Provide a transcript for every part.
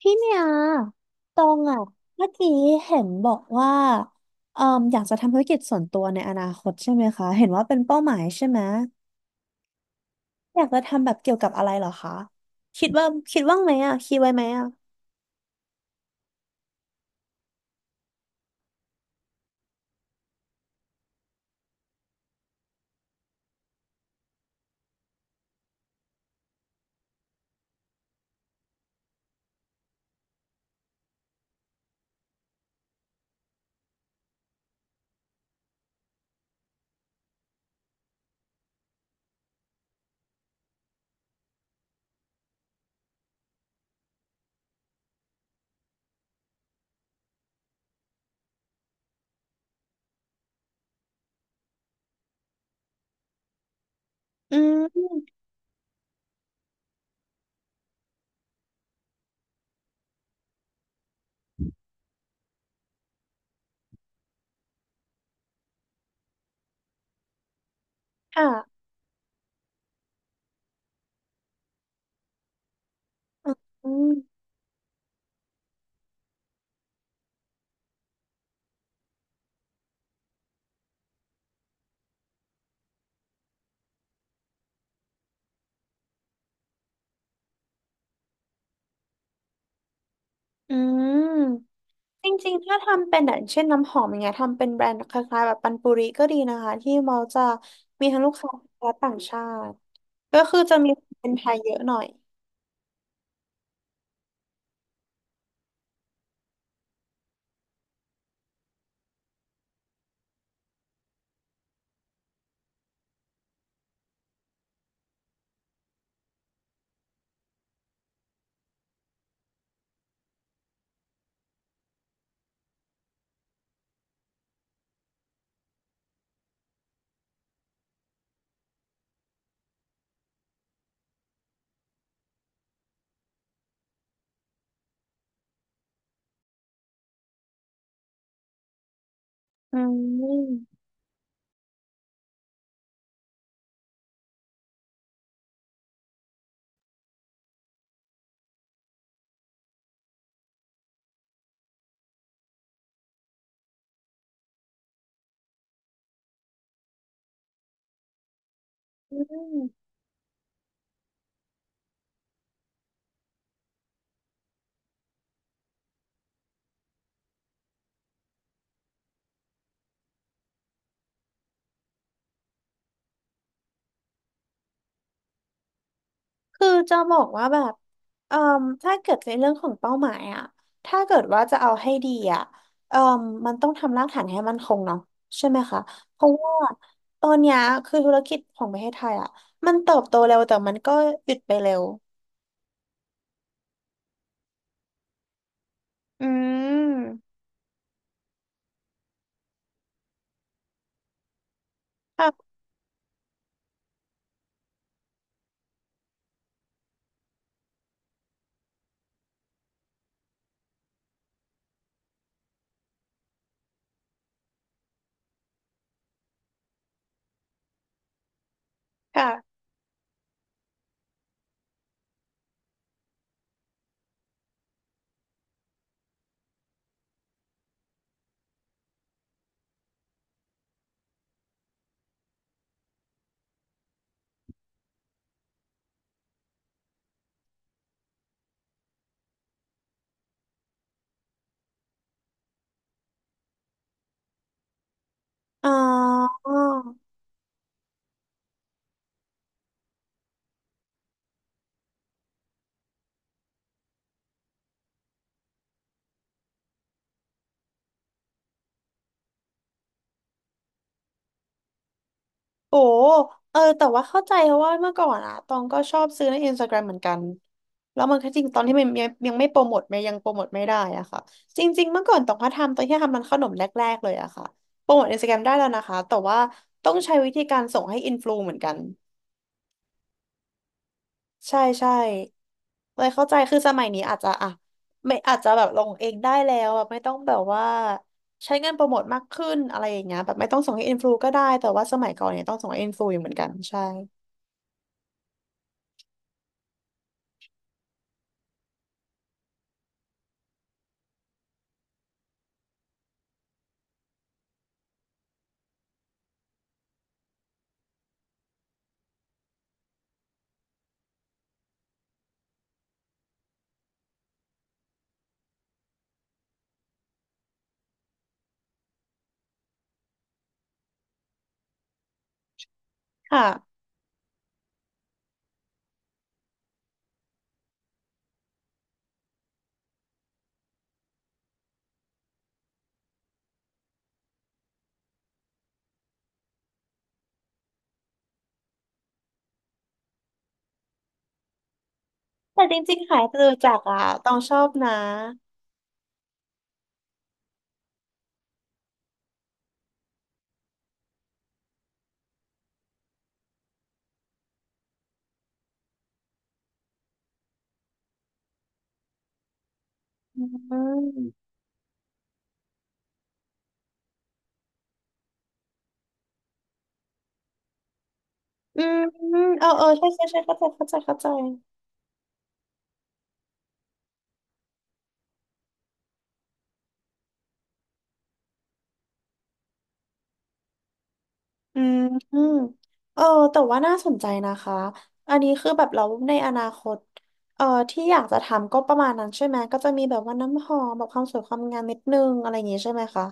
พี่เมียตองอ่ะเมื่อกี้เห็นบอกว่าเอ่มอยากจะทำธุรกิจส่วนตัวในอนาคตใช่ไหมคะ เห็นว่าเป็นเป้าหมายใช่ไหม อยากจะทำแบบเกี่ยวกับอะไรเหรอคะคิดว่าคิดว่างไหมอ่ะคิดไว้ไหมอ่ะอืมค่ะอืมอืมจริงๆถ้าทำเป็นอย่างเช่นน้ำหอมอย่างเงี้ยทำเป็นแบรนด์คล้ายๆแบบปันปุริก็ดีนะคะที่เราจะมีทั้งลูกค้าและต่างชาติก็คือจะมีเป็นไทยเยอะหน่อยอืมอืม คือจะบอกว่าแบบเอ่มถ้าเกิดในเรื่องของเป้าหมายอะถ้าเกิดว่าจะเอาให้ดีอะเอ่มมันต้องทำรากฐานให้มั่นคงเนาะใช่ไหมคะ เพราะว่าตอนเนี้ยคือธุรกิจของประเทศไทยอะมันเติบโตเร็วแต่มันก็หยุดไปเร็ว อืมค่ะค่ะอ๋อ โอ้เออแต่ว่าเข้าใจเพราะว่าเมื่อก่อนอะตองก็ชอบซื้อในอินสตาแกรมเหมือนกัน แล้วมันก็จริงตอนที่มันยังยังไม่โปรโมทไมันยังโปรโมทไม่ได้อะค่ะจริงๆเมื่อก่อนตองก็ทำตอนที่ทำมันขนมแรกๆเลยอะค่ะ โปรโมทอินสตาแกรมได้แล้วนะคะ แต่ว่าต้องใช้วิธีการส่งให้อินฟลูเหมือนกัน ใช่ใช่เลยเข้าใจคือสมัยนี้อาจจะอ่ะไม่อาจจะแบบลงเองได้แล้วแบบไม่ต้องแบบว่าใช้เงินโปรโมทมากขึ้นอะไรอย่างเงี้ยแบบไม่ต้องส่งให้อินฟลูก็ได้แต่ว่าสมัยก่อนเนี่ยต้องส่งให้อินฟลูอยู่เหมือนกันใช่ค่ะ แต่จริงๆหายไปเลยจากอ่ะต้องชอบนะ อืมอืมเออเออ ใช่ใช่ใช่เข้าใจเข้าใจเข้าใจอืมอืมเออ แต่ว่าน่าสนใจนะคะ อันนี้คือแบบเราในอนาคตเออที่อยากจะทำก็ประมาณนั้นใช่ไหม ก็จะมีแบบว่าน้ำหอมแบบความสวยความงามนิดนึงอะไรอย่างงี้ใช่ไหมคะ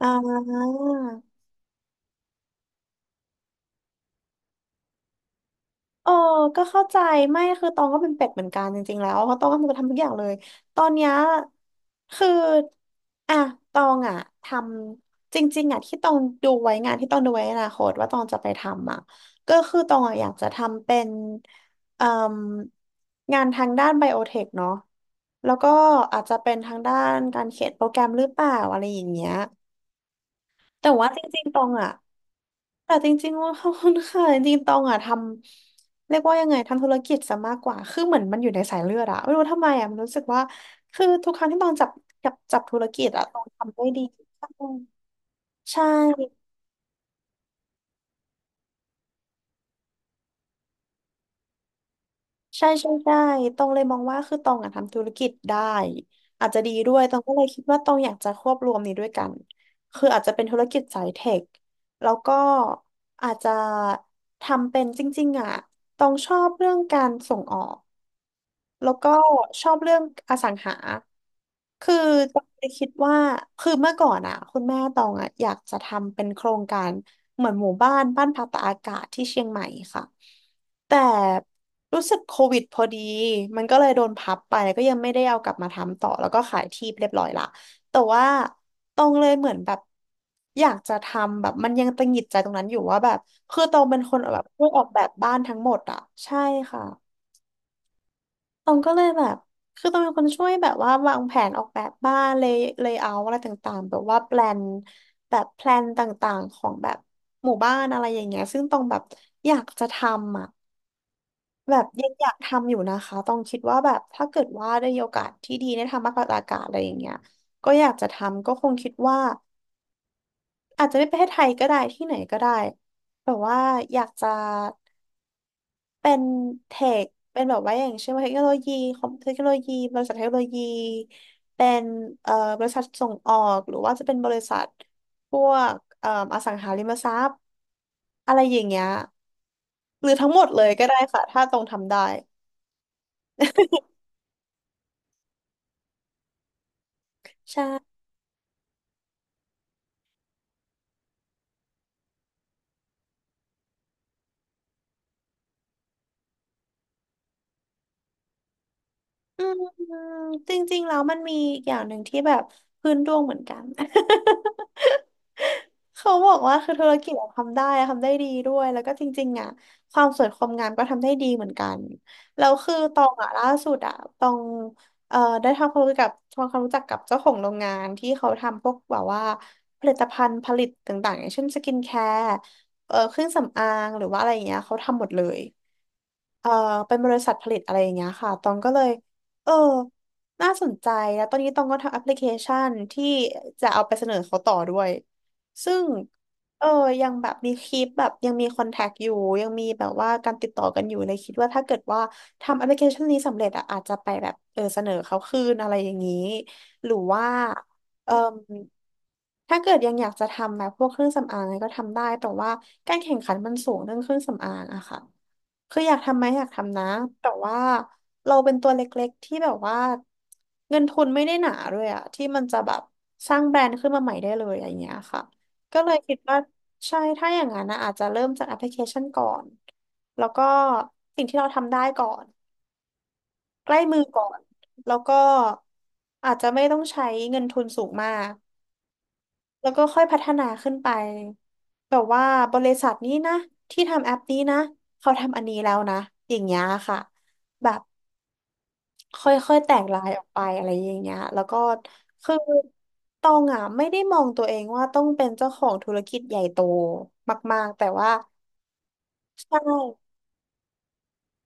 อ่า เออก็เข้าใจไม่คือตองก็เป็นเป็ดเหมือนกันจริงๆแล้วเพราะตองก็ทำทุกอย่างเลยตอนเนี้ยคืออ่ะตองอ่ะทำจริงๆอ่ะที่ตองดูไว้งานที่ตองดูไว้ในอนาคตว่าตองจะไปทำอ่ะก็คือตองอ่ะอยากจะทำเป็นเอ่มงานทางด้านไบโอเทคเนาะแล้วก็อาจจะเป็นทางด้านการเขียนโปรแกรมหรือเปล่าอะไรอย่างเงี้ย แต่ว่าจริงๆตองอ่ะแต่จริงๆว่า ขอบคุณค่ะจริงๆตองอ่ะทำเรียกว่ายังไงทำธุรกิจซะมากกว่าคือเหมือนมันอยู่ในสายเลือดอะไม่รู้ทำไมอะมันรู้สึกว่าคือทุกครั้งที่ตองจับจับธุรกิจอะตองทำได้ดีใช่ ใช่ใช่ใช่ตองเลยมองว่าคือตองอะทำธุรกิจได้อาจจะดีด้วยตองก็เลยคิดว่าตองอยากจะควบรวมนี้ด้วยกัน คืออาจจะเป็นธุรกิจสายเทค แล้วก็อาจจะทำเป็นจริงๆอะตองชอบเรื่องการส่งออก แล้วก็ชอบเรื่องอสังหาคือตองเลยคิดว่าคือเมื่อก่อนอ่ะคุณแม่ตองอ่ะอยากจะทำเป็นโครงการเหมือนหมู่บ้านบ้านพักตากอากาศที่เชียงใหม่ค่ะแต่รู้สึกโควิดพอดีมันก็เลยโดนพับไปแล้วก็ยังไม่ได้เอากลับมาทำต่อแล้วก็ขายที่เรียบร้อยละแต่ว่าตองเลยเหมือนแบบอยากจะทำแบบมันยังตังหงิดใจตรงนั้นอยู่ว่าแบบคือตองเป็นคนแบบช่วยออกแบบบ้านทั้งหมดอ่ะใช่ค่ะ ตองก็เลยแบบคือตองเป็นคนช่วยแบบว่าวางแผนออกแบบบ้านเลย์เลเยเอร์อะไรต่างๆแบบว่าแพลนแบบแพลนต่างๆของแบบหมู่บ้านอะไรอย่างเงี้ยซึ่งตองแบบอยากจะทำอ่ะแบบยังอยากทำอยู่นะคะตองคิดว่าแบบถ้าเกิดว่าได้มีโอกาสที่ดีได้ทำมากกว่าอากาศอะไรอย่างเงี้ยก็อยากจะทำก็คงคิดว่าอาจจะไม่ประเทศไทยก็ได้ที่ไหนก็ได้แต่ว่าอยากจะ เป็นเทคเป็นแบบว่าอย่างเช่นว่าเทคโนโลยีคอมเทคโนโลยีบริษัทเทคโนโลยีเป็นเอ่อบริษัทส่งออกหรือว่าจะเป็นบริษัทพวกอสังหาริมทรัพย์อะไรอย่างเงี้ยหรือทั้งหมดเลยก็ได้ค่ะถ้าตรงทำได้ใช่ อืมจริงๆแล้วมันมีอีกอย่างหนึ่งที่แบบพื้นดวงเหมือนกัน เขาบอกว่าคือธุรกิจอะทำได้อะทำได้ดีด้วยแล้วก็จริงๆอ่ะความสวยความงามก็ทำได้ดีเหมือนกันแล้วคือตองอ่ะล่าสุดอ่ะตองได้ทำความรู้จักกับทำความรู้จักกับเจ้าของโรงงานที่เขาทำพวกแบบว่าผลิตภัณฑ์ผลิตต่างๆอย่างเช่นสกินแคร์เครื่องสำอางหรือว่าอะไรอย่างเงี้ยเขาทำหมดเลย เอ่อเป็นบริษัทผลิตอะไรอย่างเงี้ยค่ะตองก็เลยเออน่าสนใจแล้วตอนนี้ตองก็ทำแอปพลิเคชันที่จะเอาไปเสนอเขาต่อด้วยซึ่งเออยังแบบมีคลิปแบบยังมีคอนแทคอยู่ยังมีแบบว่าการติดต่อกันอยู่เลยคิดว่าถ้าเกิดว่าทำแอปพลิเคชันนี้สำเร็จอะอาจจะไปแบบเออเสนอเขาคืนอะไรอย่างนี้หรือว่าเออถ้าเกิดยังอยากจะทำแบบพวกเครื่องสำอางอะไรก็ทำได้แต่ว่าการแข่งขันมันสูงเรื่องเครื่องสำอางอะค่ะ คืออยากทำไหมอยากทำนะแต่ว่าเราเป็นตัวเล็กๆที่แบบว่าเงินทุนไม่ได้หนาด้วยอะที่มันจะแบบสร้างแบรนด์ขึ้นมาใหม่ได้เลยอย่างเงี้ยค่ะก็เลยคิดว่าใช่ถ้าอย่างนั้นนะอาจจะเริ่มจากแอปพลิเคชันก่อนแล้วก็สิ่งที่เราทำได้ก่อนใกล้มือก่อนแล้วก็อาจจะไม่ต้องใช้เงินทุนสูงมาก แล้วก็ค่อยพัฒนาขึ้นไปแบบว่าบริษัทนี้นะที่ทำแอปนี้นะเขาทำอันนี้แล้วนะอย่างเงี้ยค่ะแบบค่อยๆแตกลายออกไปอะไรอย่างเงี้ยแล้วก็คือตองอ่ะไม่ได้มองตัวเองว่าต้องเป็นเจ้าของธุรกิจใหญ่โตมากๆแต่ว่าใช่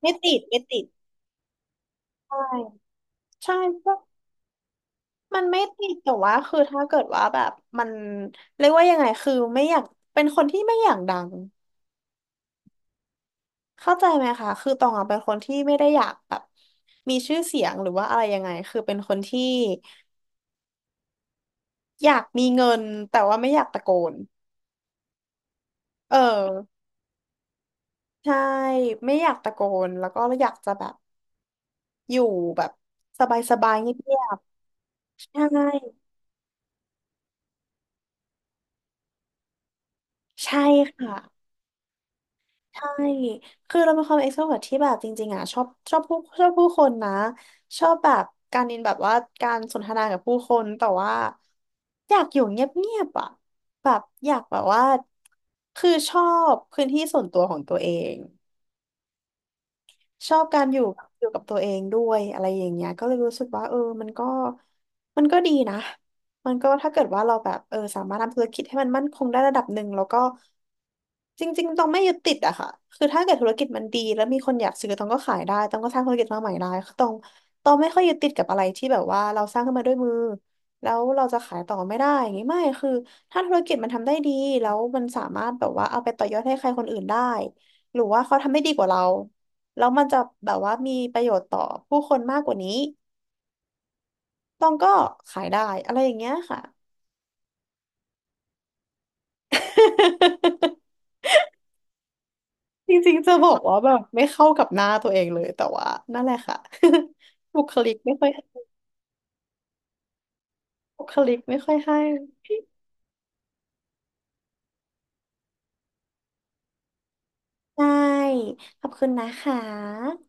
ไม่ติดไม่ติดใช่ใช่ก็มันไม่ติดแต่ว่าคือถ้าเกิดว่าแบบมันเรียกว่ายังไงคือไม่อยากเป็นคนที่ไม่อยากดัง เข้าใจไหมคะ คือตองอะเป็นคนที่ไม่ได้อยากแบบมีชื่อเสียงหรือว่าอะไรยังไงคือเป็นคนที่อยากมีเงินแต่ว่าไม่อยากตะโกน เออใช่ไม่อยากตะโกนแล้วก็อยากจะแบบอยู่แบบสบายๆเงียบๆใช่ใช่ค่ะ ใช่ คือเราเป็นความ extrovert ที่แบบจริงๆอ่ะชอบผู้คนนะชอบแบบการอินแบบว่าการสนทนากับผู้คนแต่ว่าอยากอยู่เงียบๆอ่ะแบบอยากแบบว่าคือชอบพื้นที่ส่วนตัวของตัวเอง ชอบการอยู่อยู่กับตัวเองด้วยอะไรอย่างเงี้ยก็เลยรู้สึกว่าเออมันก็ดีนะมันก็ถ้าเกิดว่าเราแบบเออสามารถทำธุรกิจให้มันมั่นคงได้ระดับหนึ่งแล้วก็จริงๆต้องไม่ยึดติดอะค่ะคือถ้าเกิดธุรกิจมันดีแล้วมีคนอยากซื้อต้องก็ขายได้ต้องก็สร้างธุรกิจมาใหม่ได้คือต้องไม่ค่อยยึดติดกับอะไรที่แบบว่าเราสร้างขึ้นมาด้วยมือแล้วเราจะขายต่อไม่ได้อย่างงี้ไม่คือถ้าธุรกิจมันทำได้ดีแล้วมันสามารถแบบว่าเอาไปต่อยอดให้ใครคนอื่นได้หรือว่าเขาทำได้ดีกว่าเรา แล้วมันจะแบบว่ามีประโยชน์ต่อผู้คนมากกว่านี้ต้องก็ขายได้อะไรอย่างเงี้ยค่ะ จริงๆจะบอกว่าแบบไม่เข้ากับหน้าตัวเองเลยแต่ว่านั่นแหละค่ะ บุคลิกไม่ค่อยบุคลิกไม่ค่อยให้ ใช่ ขอบคุณนะคะ